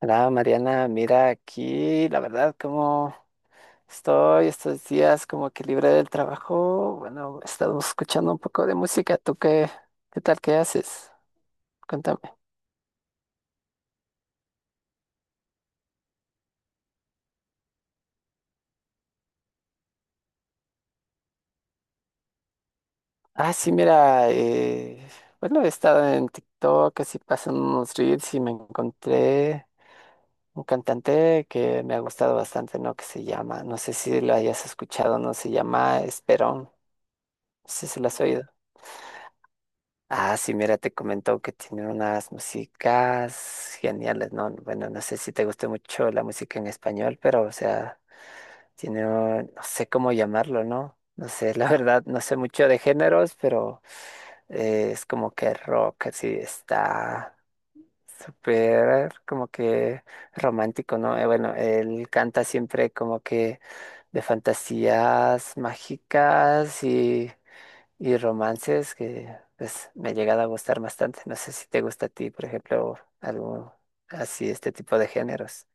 Hola Mariana, mira aquí, la verdad, como estoy estos días como que libre del trabajo, bueno, estamos escuchando un poco de música. ¿Tú qué, qué tal, qué haces? Cuéntame. Ah, sí, mira, eh, bueno, he estado en TikTok, así pasan unos reels y me encontré un cantante que me ha gustado bastante, ¿no? Que se llama, no sé si lo hayas escuchado, no se llama Esperón, no sé si lo has oído. Ah, sí, mira, te comentó que tiene unas músicas geniales, ¿no? Bueno, no sé si te guste mucho la música en español, pero, o sea, tiene, no sé cómo llamarlo, ¿no? No sé, la verdad, no sé mucho de géneros, pero es como que rock, así está súper, como que romántico, ¿no? Bueno, él canta siempre como que de fantasías mágicas y romances que pues me he llegado a gustar bastante. No sé si te gusta a ti, por ejemplo, algo así, este tipo de géneros.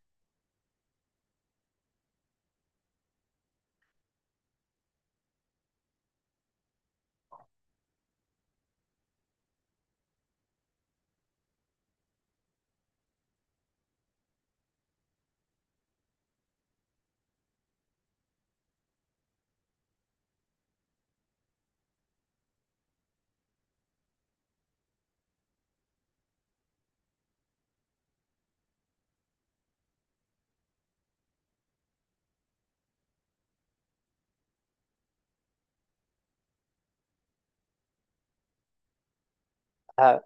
Ah,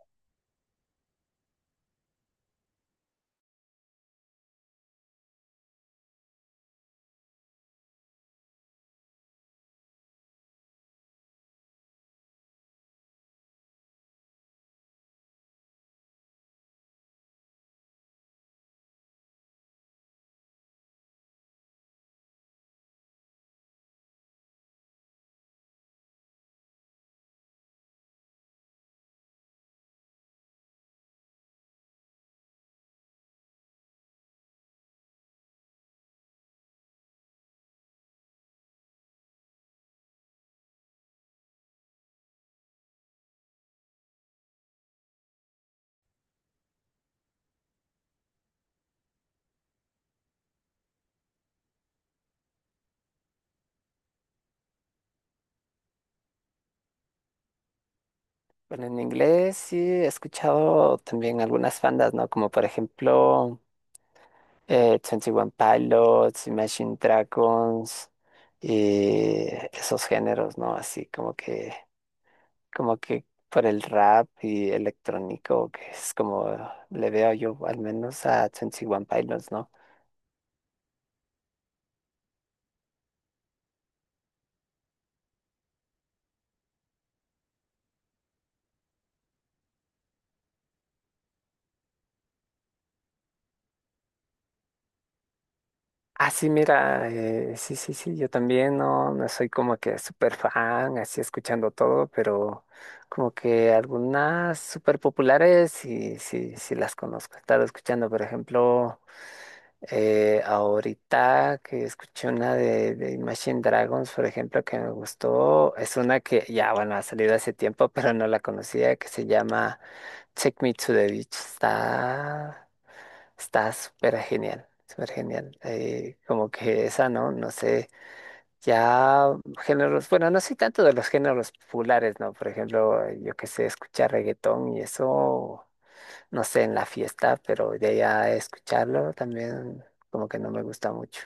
bueno, en inglés sí he escuchado también algunas bandas, ¿no? Como por ejemplo twenty One Pilots, Imagine Dragons y esos géneros, ¿no? Así como que por el rap y electrónico, que es como le veo yo al menos a Twenty One Pilots, ¿no? Ah, sí, mira, sí, sí, sí, yo también no, no soy como que súper fan, así escuchando todo, pero como que algunas súper populares sí, sí, sí las conozco. He estado escuchando, por ejemplo, ahorita que escuché una de Imagine Dragons, por ejemplo, que me gustó. Es una que ya, bueno, ha salido hace tiempo, pero no la conocía, que se llama Take Me to the Beach, está, está súper genial, súper genial. Como que esa, ¿no? No sé, ya géneros, bueno, no soy tanto de los géneros populares, ¿no? Por ejemplo, yo que sé, escuchar reggaetón y eso, no sé, en la fiesta, pero de allá escucharlo también como que no me gusta mucho.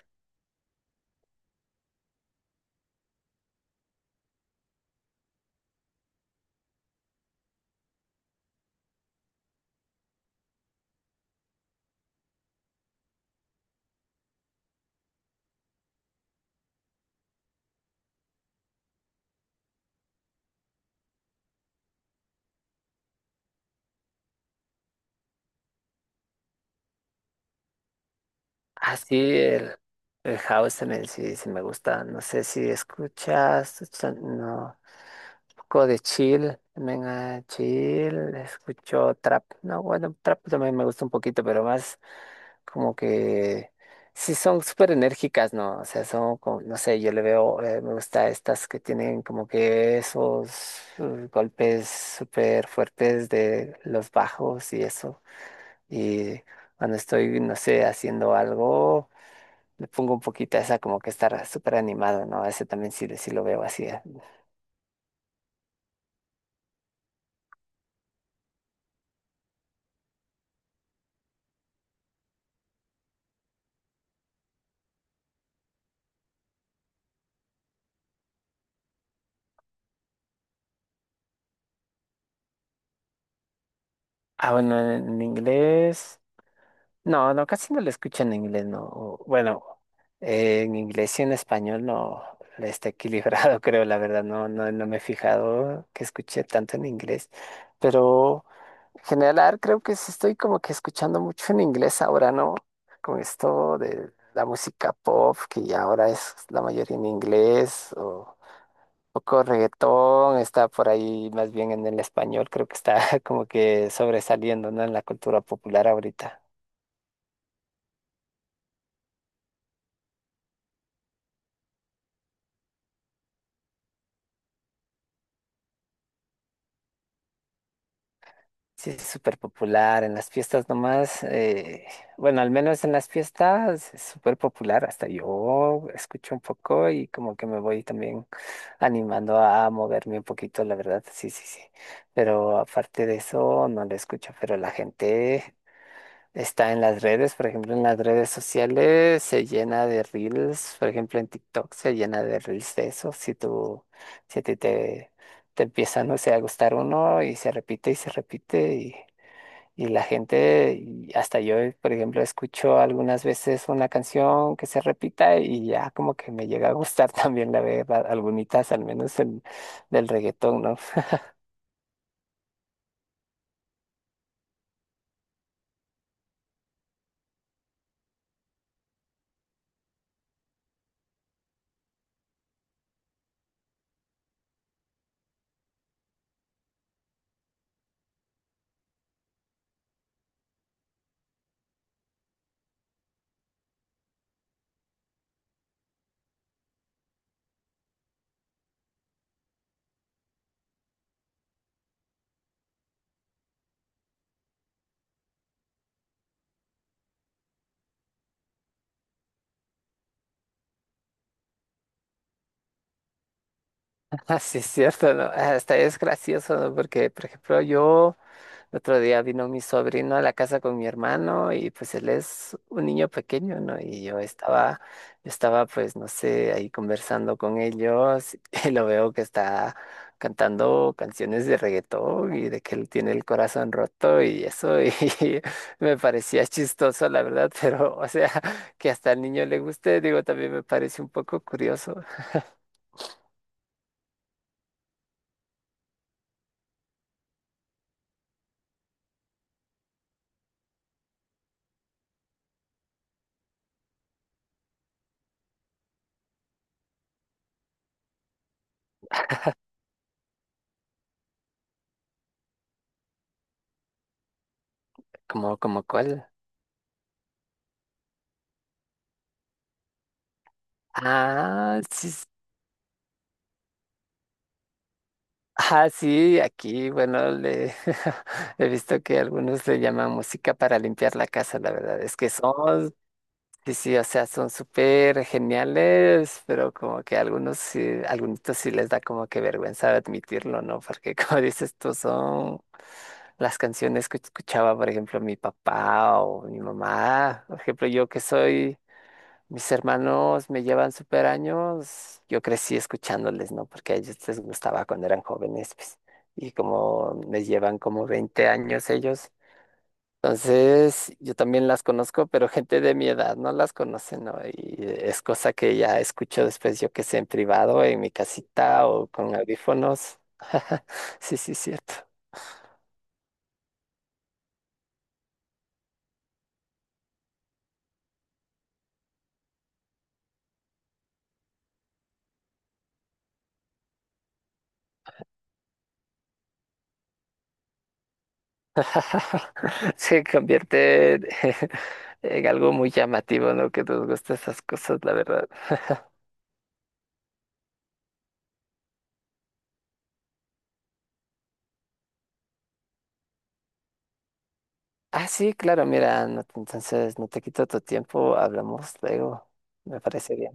Así el house también sí, sí me gusta. No sé si escuchas, no. Poco de chill, venga, chill, escucho trap. No, bueno, trap también me gusta un poquito, pero más como que sí son súper enérgicas, ¿no? O sea, son como, no sé, yo le veo, me gusta estas que tienen como que esos golpes súper fuertes de los bajos y eso. Y cuando estoy, no sé, haciendo algo. Le pongo un poquito a esa como que está súper animado, ¿no? Ese también sí, sí lo veo así. Ah, bueno, en inglés. No, no, casi no lo escucho en inglés, no. O, bueno, en inglés y en español no le está equilibrado, creo, la verdad. No, no, no me he fijado que escuché tanto en inglés. Pero. General, a ver, creo que sí estoy como que escuchando mucho en inglés ahora, ¿no? Con esto de la música pop, que ya ahora es la mayoría en inglés, o poco reggaetón, está por ahí más bien en el español, creo que está como que sobresaliendo, ¿no? En la cultura popular ahorita. Sí, es súper popular, en las fiestas nomás, bueno, al menos en las fiestas es súper popular, hasta yo escucho un poco y como que me voy también animando a moverme un poquito, la verdad, sí, sí, sí. Pero aparte de eso, no lo escucho, pero la gente está en las redes, por ejemplo, en las redes sociales se llena de reels, por ejemplo, en TikTok se llena de reels de eso. Si tú, si a ti te empieza, no sé, a gustar uno y se repite y se repite y la gente, y hasta yo, por ejemplo, escucho algunas veces una canción que se repita y ya como que me llega a gustar también, la verdad, algunitas al menos del reggaetón, ¿no? Así es cierto, ¿no? Hasta es gracioso, ¿no? Porque, por ejemplo, yo... El otro día vino mi sobrino a la casa con mi hermano y pues él es un niño pequeño, ¿no? Yo estaba pues no sé, ahí conversando con ellos y lo veo que está cantando canciones de reggaetón y de que él tiene el corazón roto y eso y me parecía chistoso la verdad, pero o sea, que hasta al niño le guste, digo, también me parece un poco curioso. ¿Como, como cuál? Ah, sí, ah, sí, aquí, bueno, le he visto que algunos le llaman música para limpiar la casa, la verdad es que son, sí, sí, o sea, son súper geniales, pero como que algunos sí les da como que vergüenza admitirlo, ¿no? Porque como dices tú, son las canciones que escuchaba, por ejemplo, mi papá o mi mamá, por ejemplo, yo que soy mis hermanos me llevan súper años. Yo crecí escuchándoles, ¿no? Porque a ellos les gustaba cuando eran jóvenes, pues. Y como me llevan como 20 años ellos. Entonces, yo también las conozco, pero gente de mi edad no las conoce, ¿no? Y es cosa que ya escucho después, yo que sé, en privado, en mi casita o con audífonos. Sí, sí, cierto. Se convierte en en algo muy llamativo, ¿no? Que nos gustan esas cosas, la verdad. Ah, sí, claro, mira, no entonces no te quito tu tiempo, hablamos luego, me parecería.